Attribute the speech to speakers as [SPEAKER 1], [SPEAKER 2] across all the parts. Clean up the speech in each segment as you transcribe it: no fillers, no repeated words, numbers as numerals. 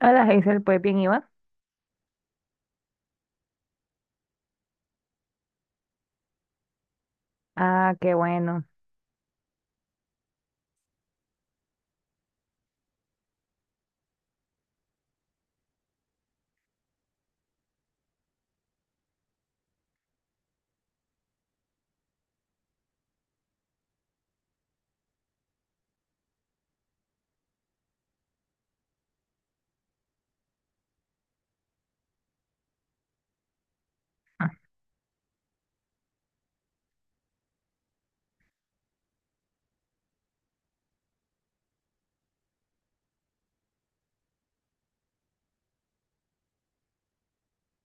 [SPEAKER 1] Hola, Hazel, pues bien, ¿y vas? Ah, qué bueno.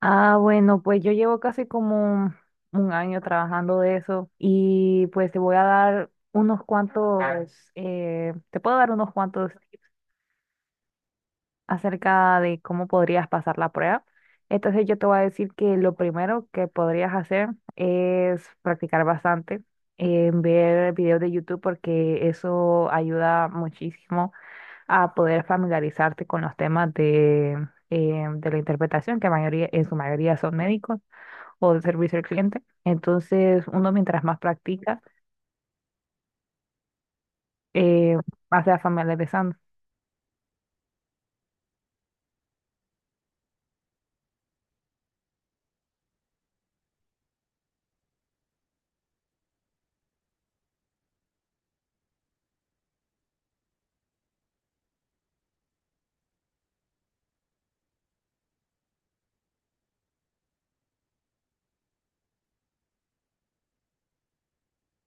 [SPEAKER 1] Ah, bueno, pues yo llevo casi como un año trabajando de eso y pues te voy a dar te puedo dar unos cuantos tips acerca de cómo podrías pasar la prueba. Entonces yo te voy a decir que lo primero que podrías hacer es practicar bastante, ver videos de YouTube porque eso ayuda muchísimo a poder familiarizarte con los temas de la interpretación, que en su mayoría son médicos o de servicio al cliente. Entonces, uno mientras más practica, eh, más se va familiarizando.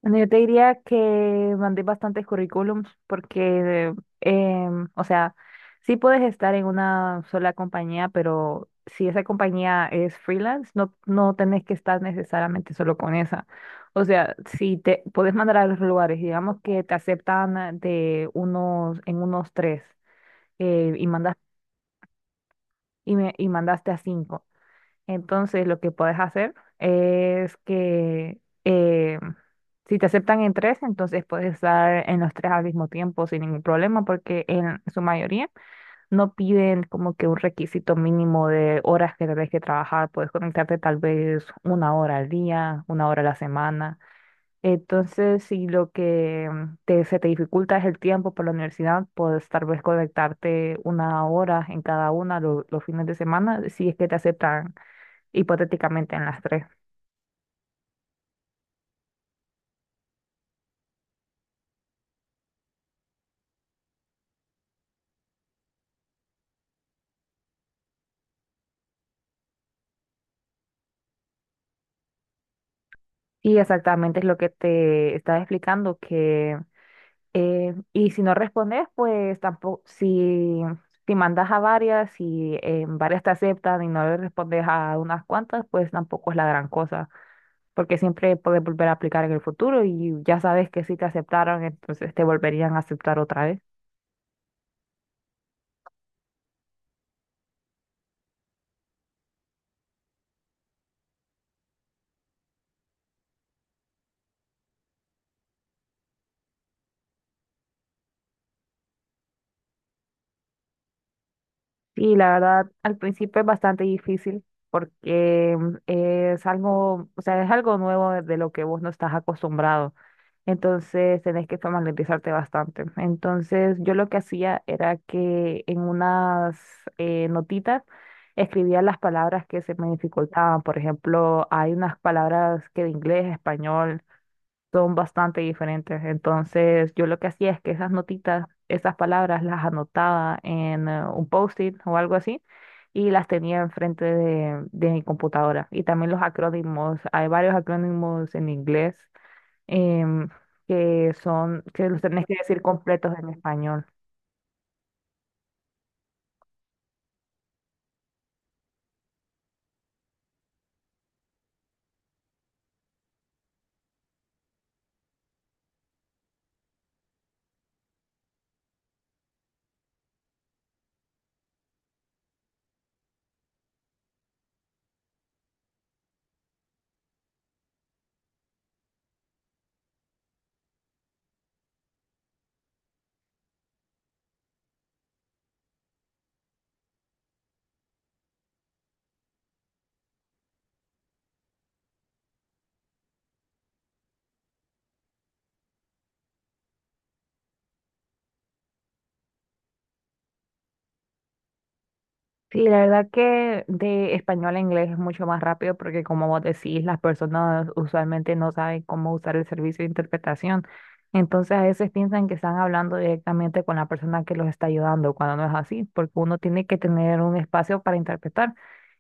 [SPEAKER 1] Bueno, yo te diría que mandé bastantes currículums porque, o sea, sí puedes estar en una sola compañía, pero si esa compañía es freelance, no, no tenés que estar necesariamente solo con esa. O sea, si te puedes mandar a los lugares, digamos que te aceptan ah, de en unos tres, y mandas, y mandaste a cinco. Entonces, lo que puedes hacer es que eh, si te aceptan en tres, entonces puedes estar en los tres al mismo tiempo sin ningún problema, porque en su mayoría no piden como que un requisito mínimo de horas que debes que trabajar. Puedes conectarte tal vez una hora al día, una hora a la semana. Entonces, si lo que se te dificulta es el tiempo por la universidad, puedes tal vez conectarte una hora en cada una los fines de semana, si es que te aceptan hipotéticamente en las tres. Sí, exactamente es lo que te estaba explicando, que y si no respondes, pues tampoco, si mandas a varias y en varias te aceptan y no le respondes a unas cuantas, pues tampoco es la gran cosa, porque siempre puedes volver a aplicar en el futuro y ya sabes que si te aceptaron, entonces te volverían a aceptar otra vez. Y la verdad, al principio es bastante difícil porque es algo, o sea, es algo nuevo de lo que vos no estás acostumbrado. Entonces tenés que familiarizarte bastante. Entonces yo lo que hacía era que en unas notitas escribía las palabras que se me dificultaban. Por ejemplo, hay unas palabras que de inglés a español son bastante diferentes. Entonces yo lo que hacía es que esas notitas, esas palabras las anotaba en un post-it o algo así y las tenía enfrente de mi computadora. Y también los acrónimos. Hay varios acrónimos en inglés em, que son, que los tenés que decir completos en español. Sí, la verdad que de español a inglés es mucho más rápido porque como vos decís, las personas usualmente no saben cómo usar el servicio de interpretación. Entonces a veces piensan que están hablando directamente con la persona que los está ayudando, cuando no es así, porque uno tiene que tener un espacio para interpretar.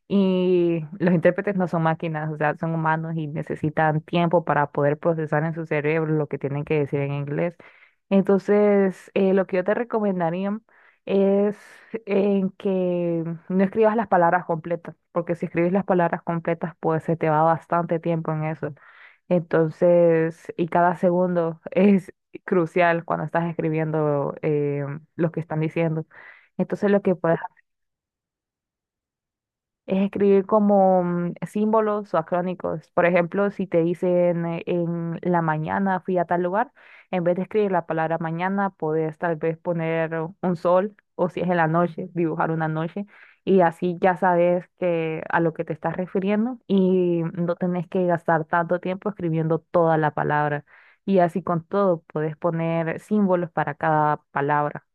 [SPEAKER 1] Y los intérpretes no son máquinas, o sea, son humanos y necesitan tiempo para poder procesar en su cerebro lo que tienen que decir en inglés. Entonces, lo que yo te recomendaría es en que no escribas las palabras completas, porque si escribes las palabras completas, pues se te va bastante tiempo en eso. Entonces, y cada segundo es crucial cuando estás escribiendo lo que están diciendo. Entonces, lo que puedes es escribir como símbolos o acrónicos. Por ejemplo, si te dicen en la mañana fui a tal lugar, en vez de escribir la palabra mañana, puedes tal vez poner un sol o si es en la noche, dibujar una noche y así ya sabes que a lo que te estás refiriendo y no tenés que gastar tanto tiempo escribiendo toda la palabra. Y así con todo, puedes poner símbolos para cada palabra.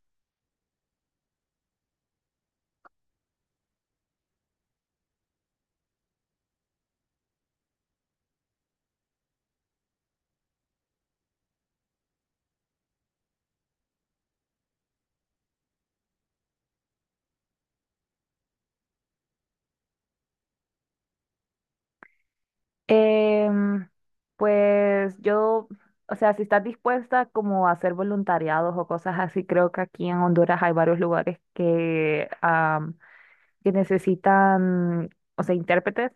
[SPEAKER 1] Em, pues yo, o sea, si estás dispuesta como a hacer voluntariados o cosas así, creo que aquí en Honduras hay varios lugares que, que necesitan, o sea, intérpretes,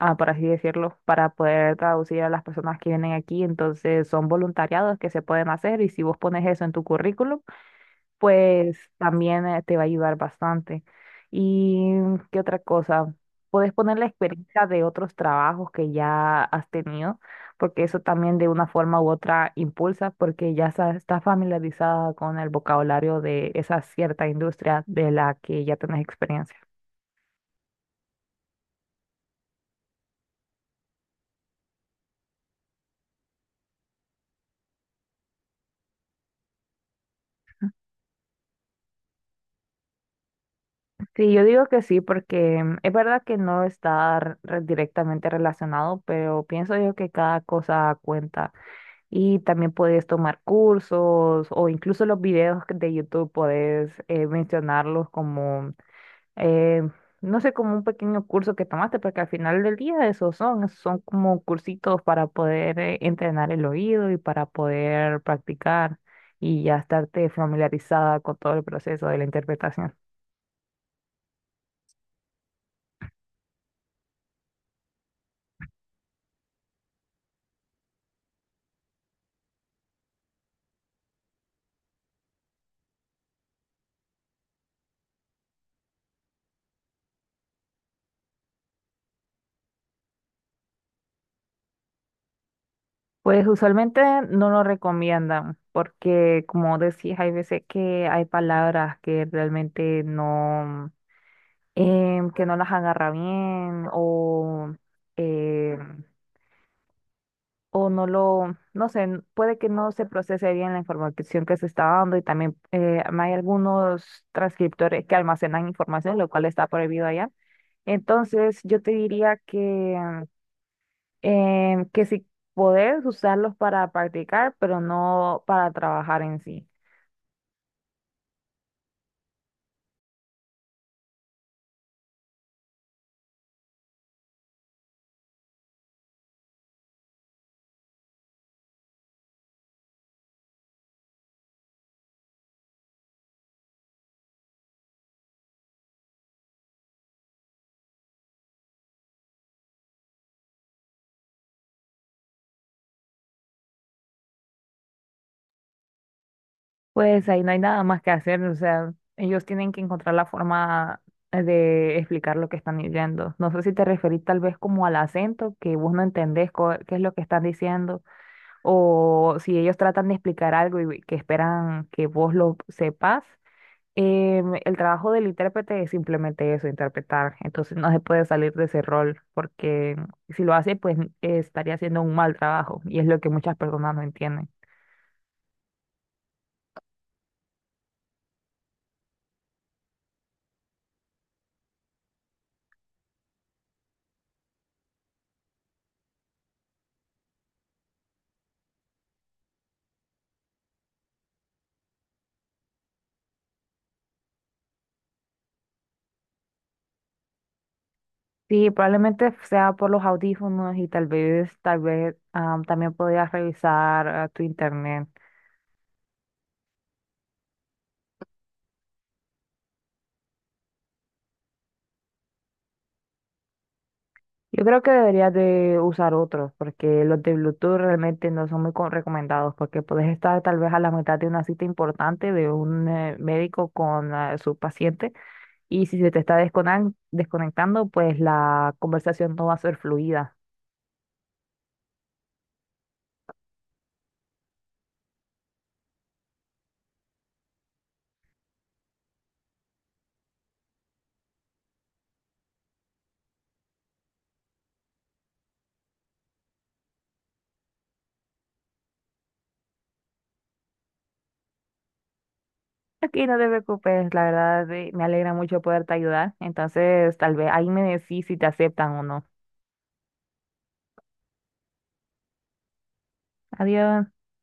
[SPEAKER 1] ah, por así decirlo, para poder traducir a las personas que vienen aquí. Entonces son voluntariados que se pueden hacer y si vos pones eso en tu currículum, pues también te va a ayudar bastante. ¿Y qué otra cosa? Puedes poner la experiencia de otros trabajos que ya has tenido, porque eso también de una forma u otra impulsa, porque estás familiarizada con el vocabulario de esa cierta industria de la que ya tenés experiencia. Sí, yo digo que sí, porque es verdad que no está directamente relacionado, pero pienso yo que cada cosa cuenta. Y también puedes tomar cursos o incluso los videos de YouTube puedes mencionarlos como, eh, no sé, como un pequeño curso que tomaste, porque al final del día esos son, son como cursitos para poder entrenar el oído y para poder practicar y ya estarte familiarizada con todo el proceso de la interpretación. Pues usualmente no lo recomiendan porque, como decías, hay veces que hay palabras que realmente que no las agarra bien o, em, o no lo, no sé, puede que no se procese bien la información que se está dando y también hay algunos transcriptores que almacenan información, lo cual está prohibido allá. Entonces, yo te diría que, que si podés usarlos para practicar, pero no para trabajar en sí. Pues ahí no hay nada más que hacer, o sea, ellos tienen que encontrar la forma de explicar lo que están diciendo. No sé si te referís tal vez como al acento, que vos no entendés qué es lo que están diciendo, o si ellos tratan de explicar algo y que esperan que vos lo sepas. El trabajo del intérprete es simplemente eso, interpretar. Entonces no se puede salir de ese rol, porque si lo hace, pues estaría haciendo un mal trabajo, y es lo que muchas personas no entienden. Sí, probablemente sea por los audífonos y tal vez también podrías revisar ah, tu internet. Yo creo que deberías de usar otros porque los de Bluetooth realmente no son muy recomendados porque puedes estar tal vez a la mitad de una cita importante de un médico con ah, su paciente y si se te está desconectando, pues la conversación no va a ser fluida. Aquí no te preocupes, la verdad me alegra mucho poderte ayudar. Entonces, tal vez ahí me decís si te aceptan o no. Adiós.